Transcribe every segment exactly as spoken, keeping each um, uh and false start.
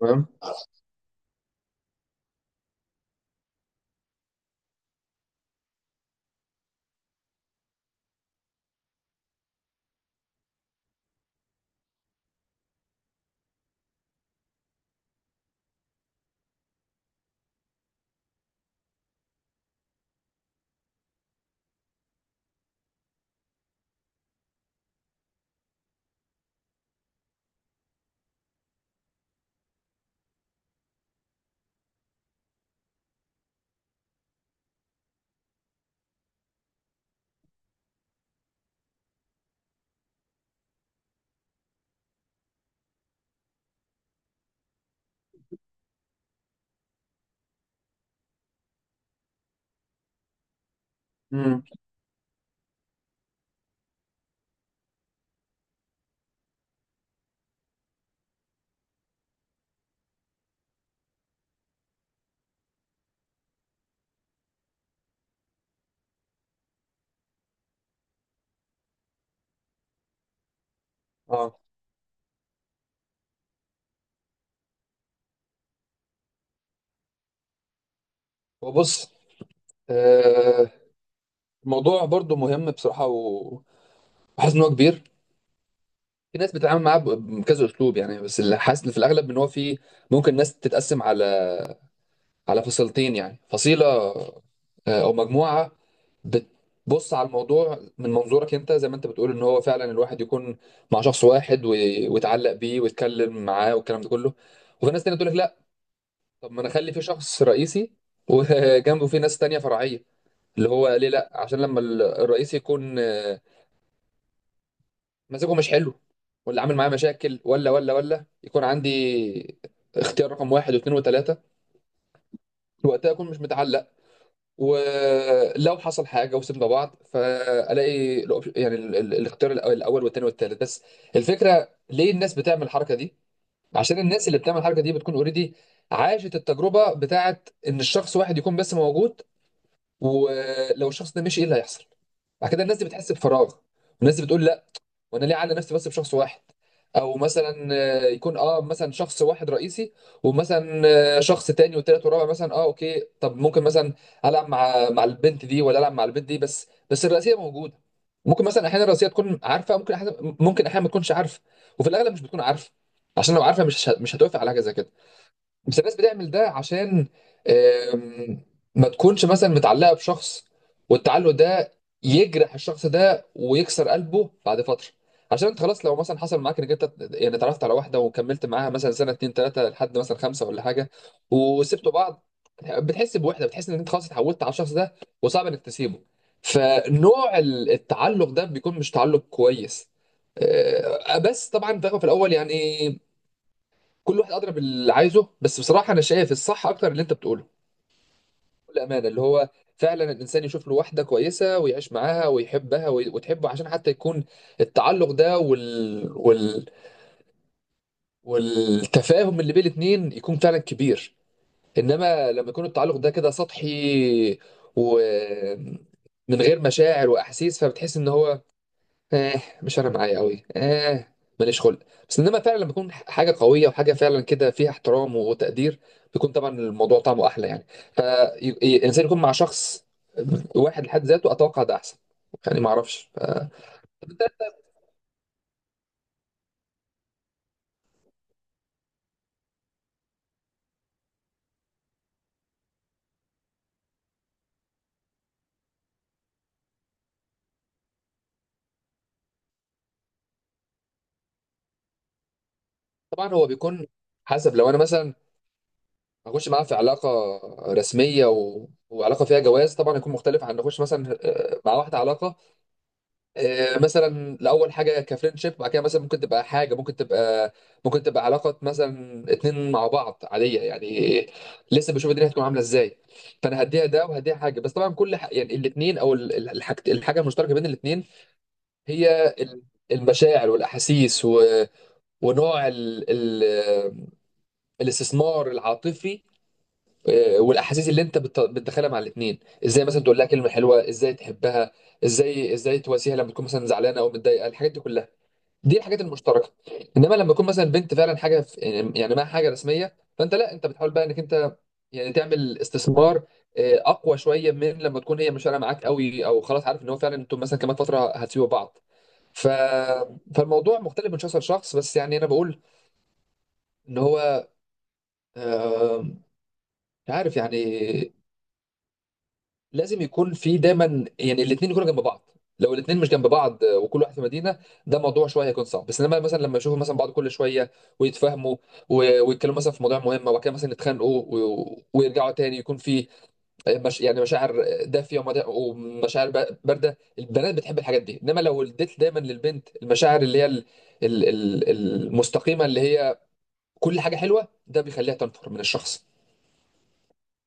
تمام. امم اه وبص. آه الموضوع برضو مهم بصراحه، و- وحاسس ان هو كبير. في ناس بتتعامل معاه ب- بكذا اسلوب، يعني. بس اللي حاسس في الاغلب ان هو في، ممكن ناس تتقسم على على فصيلتين، يعني فصيله آه، او مجموعه بتبص على الموضوع من منظورك انت، زي ما انت بتقول ان هو فعلا الواحد يكون مع شخص واحد، وي- ويتعلق بيه ويتكلم معاه والكلام ده كله. وفي ناس تانية تقول لك لا. طب ما انا اخلي في شخص رئيسي، وجنبه في ناس تانية فرعيه، اللي هو ليه؟ لا، عشان لما ال- الرئيس يكون آه، مزاجه مش حلو، ولا عامل معاه مشاكل، ولا ولا ولا يكون عندي اختيار رقم واحد واثنين وثلاثة، وقتها اكون مش متعلق. ولو حصل حاجة وسيبنا بعض، فالاقي الأوب- يعني ال- ال- الاختيار الأو- الاول والثاني والثالث بس. الفكرة ليه الناس بتعمل الحركة دي؟ عشان الناس اللي بتعمل الحركة دي بتكون اوريدي عاشت التجربة بتاعت ان الشخص واحد يكون بس موجود، ولو الشخص ده مشي ايه اللي هيحصل؟ بعد كده الناس دي بتحس بفراغ، والناس دي بتقول: وانا ليه اعلي نفسي بس بشخص واحد؟ او مثلا آه، يكون اه مثلا شخص واحد رئيسي، ومثلا آه، شخص تاني وتالت ورابع مثلا. اه اوكي، طب ممكن مثلا العب مع مع البنت دي ولا العب مع البنت دي، بس بس الرئيسيه موجوده. ممكن مثلا احيانا الرئيسيه تكون عارفه، ممكن احيانا، ممكن احيانا ما تكونش عارفه. وفي الاغلب مش بتكون عارفه، عشان لو عارفه مش مش هتوافق على حاجه زي كده. بس الناس بتعمل ده عشان آم، ما تكونش مثلا متعلقة بشخص، والتعلق ده يجرح الشخص ده ويكسر قلبه بعد فترة. عشان انت خلاص، لو مثلا حصل معاك انك انت يعني اتعرفت على واحدة وكملت معاها مثلا سنة، اتنين، تلاتة، لحد مثلا خمسة ولا حاجة، وسبتوا بعض، بتحس بوحدة، بتحس ان انت خلاص اتعودت على الشخص ده، وصعب انك تسيبه. فنوع التعلق ده بيكون مش تعلق كويس. آه، بس طبعا في في الاول، يعني كل واحد ادرى باللي عايزه، بس بصراحه انا شايف الصح اكتر اللي انت بتقوله، بكل امانه، اللي هو فعلا الانسان يشوف له واحده كويسه ويعيش معاها ويحبها وي- وتحبه، عشان حتى يكون التعلق ده وال... وال... والتفاهم اللي بين الاتنين يكون فعلا كبير. انما لما يكون التعلق ده كده سطحي ومن غير مشاعر واحاسيس، فبتحس ان هو اه مش انا معايا قوي. اه ماليش خلق. بس انما فعلا لما بيكون حاجه قويه وحاجه فعلا كده فيها احترام وتقدير، بيكون طبعا الموضوع طعمه احلى يعني. فالانسان يكون مع شخص واحد لحد ذاته، اتوقع ده احسن، يعني ما اعرفش. فده طبعا هو بيكون حسب. لو انا مثلا هخش معاه في علاقه رسميه و... وعلاقه فيها جواز، طبعا يكون مختلف عن نخش مثلا آه، مع واحده علاقه، آه، مثلا لاول حاجه كفريندشيب، بعد كده مثلا ممكن تبقى حاجه، ممكن تبقى، ممكن تبقى علاقه مثلا اتنين مع بعض عاديه يعني. لسه بشوف الدنيا هتكون عامله ازاي. فانا هديها ده وهديها حاجه، بس طبعا كل ح... يعني الاتنين، او ال- ال- الحاج... الحاجه المشتركه بين الاتنين، هي ال- المشاعر والاحاسيس و... ونوع ال... ال... الاستثمار العاطفي آه، والاحاسيس اللي انت بت... بتدخلها مع الاتنين. ازاي مثلا تقول لها كلمه حلوه، ازاي تحبها، ازاي ازاي تواسيها لما تكون مثلا زعلانه او متضايقه، الحاجات دي كلها دي الحاجات المشتركه. انما لما يكون مثلا بنت فعلا حاجه في، يعني معاها حاجه رسميه، فانت لا، انت بتحاول بقى انك انت يعني تعمل استثمار آه، اقوى شويه من لما تكون هي مش فارقه معاك قوي، او خلاص عارف ان هو فعلا انتم مثلا كمان فتره هتسيبوا بعض. ف... فالموضوع مختلف من شخص لشخص، بس يعني انا بقول ان هو آه، مش عارف، يعني لازم يكون في دايما، يعني الاثنين يكونوا جنب بعض. لو الاثنين مش جنب بعض آه، وكل واحد في مدينه، ده موضوع شويه هيكون صعب. بس انما مثلا لما يشوفوا مثلا بعض كل شويه ويتفاهموا و- ويتكلموا مثلا في مواضيع مهمه، وبعد كده مثلا يتخانقوا و- ويرجعوا تاني، يكون في آه، مش يعني مشاعر دافيه ومدا- ومشاعر ب- بارده. البنات بتحب الحاجات دي، انما لو اديت دايما للبنت المشاعر اللي هي ال- ال- ال- المستقيمه، اللي هي كل حاجه حلوه، ده بيخليها تنفر من الشخص،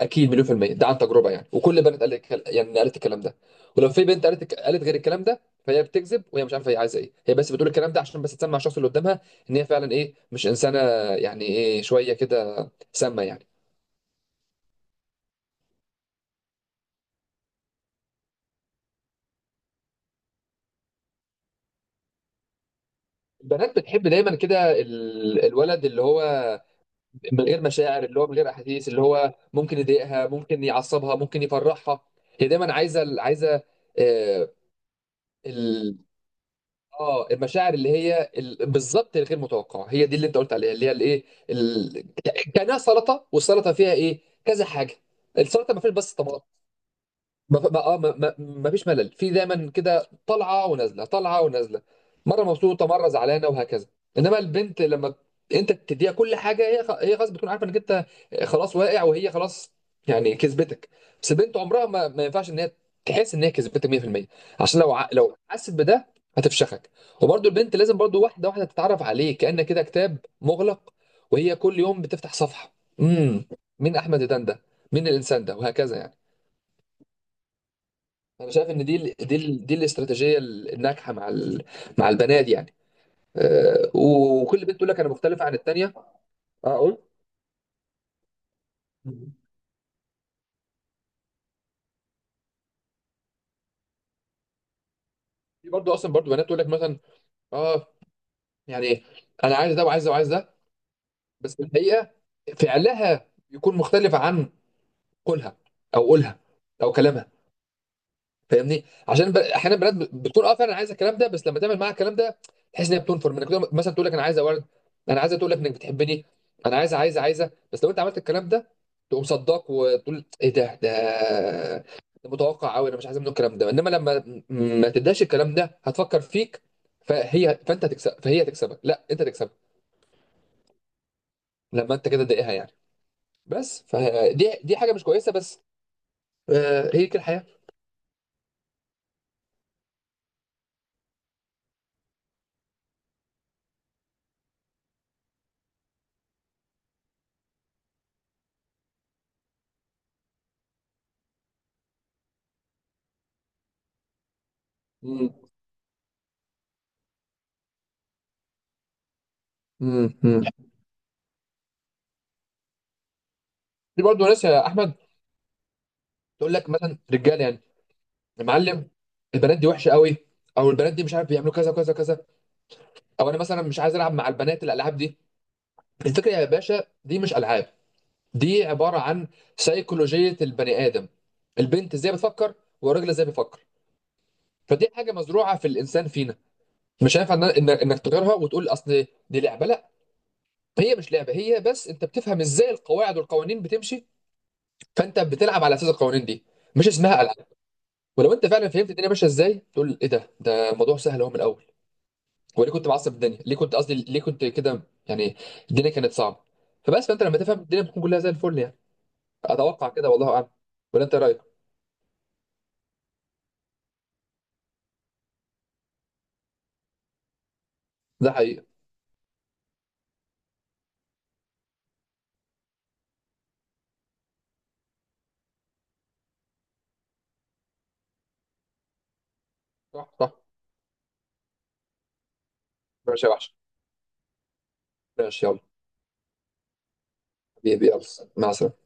اكيد، مليون في المية، ده عن تجربة يعني. وكل البنات قالت الكل- يعني قالت الكلام ده. ولو في بنت قالت قالت غير الكلام ده، فهي بتكذب وهي مش عارفة هي عايزة ايه، هي بس بتقول الكلام ده عشان بس تسمع الشخص اللي قدامها ان هي فعلا ايه، مش انسانة يعني، ايه، شوية كده سامة يعني. البنات بتحب دايما كده ال- الولد اللي هو من غير مشاعر، اللي هو من غير احاسيس، اللي هو ممكن يضايقها، ممكن يعصبها، ممكن يفرحها. هي دايما عايزة عايزة. آه، اه المشاعر اللي هي ال- بالظبط الغير متوقعه، هي دي اللي انت قلت عليها، اللي هي الايه، ال... كانها سلطه، والسلطه فيها ايه؟ كذا حاجه، السلطه ما فيهاش بس طماطم. ما ما اه ما ما ما فيش ملل، في دايما كده طالعه ونازله، طالعه ونازله، مره مبسوطه مره زعلانه، وهكذا. انما البنت لما انت تديها كل حاجه، هي خ- هي خلاص بتكون عارفه انك انت خلاص واقع، وهي خلاص يعني كسبتك. بس البنت عمرها ما, ما ينفعش ان هي تحس ان هي كسبتك مية في المية، عشان لو ع- لو حست بده هتفشخك. وبرده البنت لازم برده واحده واحده تتعرف عليه، كأن كده كتاب مغلق وهي كل يوم بتفتح صفحه. امم مين احمد دندن ده؟ مين الانسان ده؟ وهكذا يعني. انا شايف ان دي ال دي ال دي الاستراتيجيه الناجحه مع ال مع البنات يعني آه، وكل بنت تقول لك انا مختلفه عن التانيه. اه، قول. في برضه اصلا برضه بنات تقول لك مثلا اه يعني انا عايز ده وعايز ده وعايز ده، بس في الحقيقه فعلها يكون مختلف عن قولها، او قولها، او كلامها. فاهمني؟ عشان ب... احيانا بنات ب- بتكون اه فعلا عايزه الكلام ده، بس لما تعمل معاها الكلام ده تحس ان هي بتنفر منك. تقول- مثلا تقول لك انا عايزه ورد، انا عايزه تقول لك انك بتحبني، انا عايزه عايزه عايزه، بس لو انت عملت الكلام ده تقوم صداك وتقول: ايه ده ده ده متوقع قوي، انا مش عايز منه الكلام ده. انما لما م- ما تداش الكلام ده هتفكر فيك. فهي، فانت هتكسب، فهي تكسبك، لا انت تكسبك، لما انت كده تضايقها يعني. بس فدي دي حاجه مش كويسه، بس آه، هي كده الحياه. امم امم في برضه ناس، يا احمد، تقول لك مثلا رجاله، يعني يا معلم، البنات دي وحشه قوي، او البنات دي مش عارف بيعملوا كذا وكذا وكذا، او انا مثلا مش عايز العب مع البنات الالعاب دي. الفكره يا باشا، دي مش العاب، دي عباره عن سيكولوجيه البني ادم، البنت ازاي بتفكر والراجل ازاي بيفكر. فدي حاجه مزروعه في الانسان فينا، مش هينفع إن- إن- انك تغيرها وتقول اصل دي لعبه. لا، هي مش لعبه، هي بس انت بتفهم ازاي القواعد والقوانين بتمشي، فانت بتلعب على اساس القوانين دي، مش اسمها العاب. ولو انت فعلا فهمت الدنيا ماشيه ازاي، تقول ايه ده ده الموضوع سهل اهو من الاول. وليه كنت معصب الدنيا، ليه كنت، قصدي ليه كنت كده يعني؟ الدنيا كانت صعبه. فبس، فانت لما تفهم الدنيا بتكون كلها زي الفل يعني. اتوقع كده، والله اعلم. ولا انت إيه رايك؟ ده حقيقه. صح، صح. ماشي يا وحش، ماشي يلا. بيبي يلا، مع السلامه.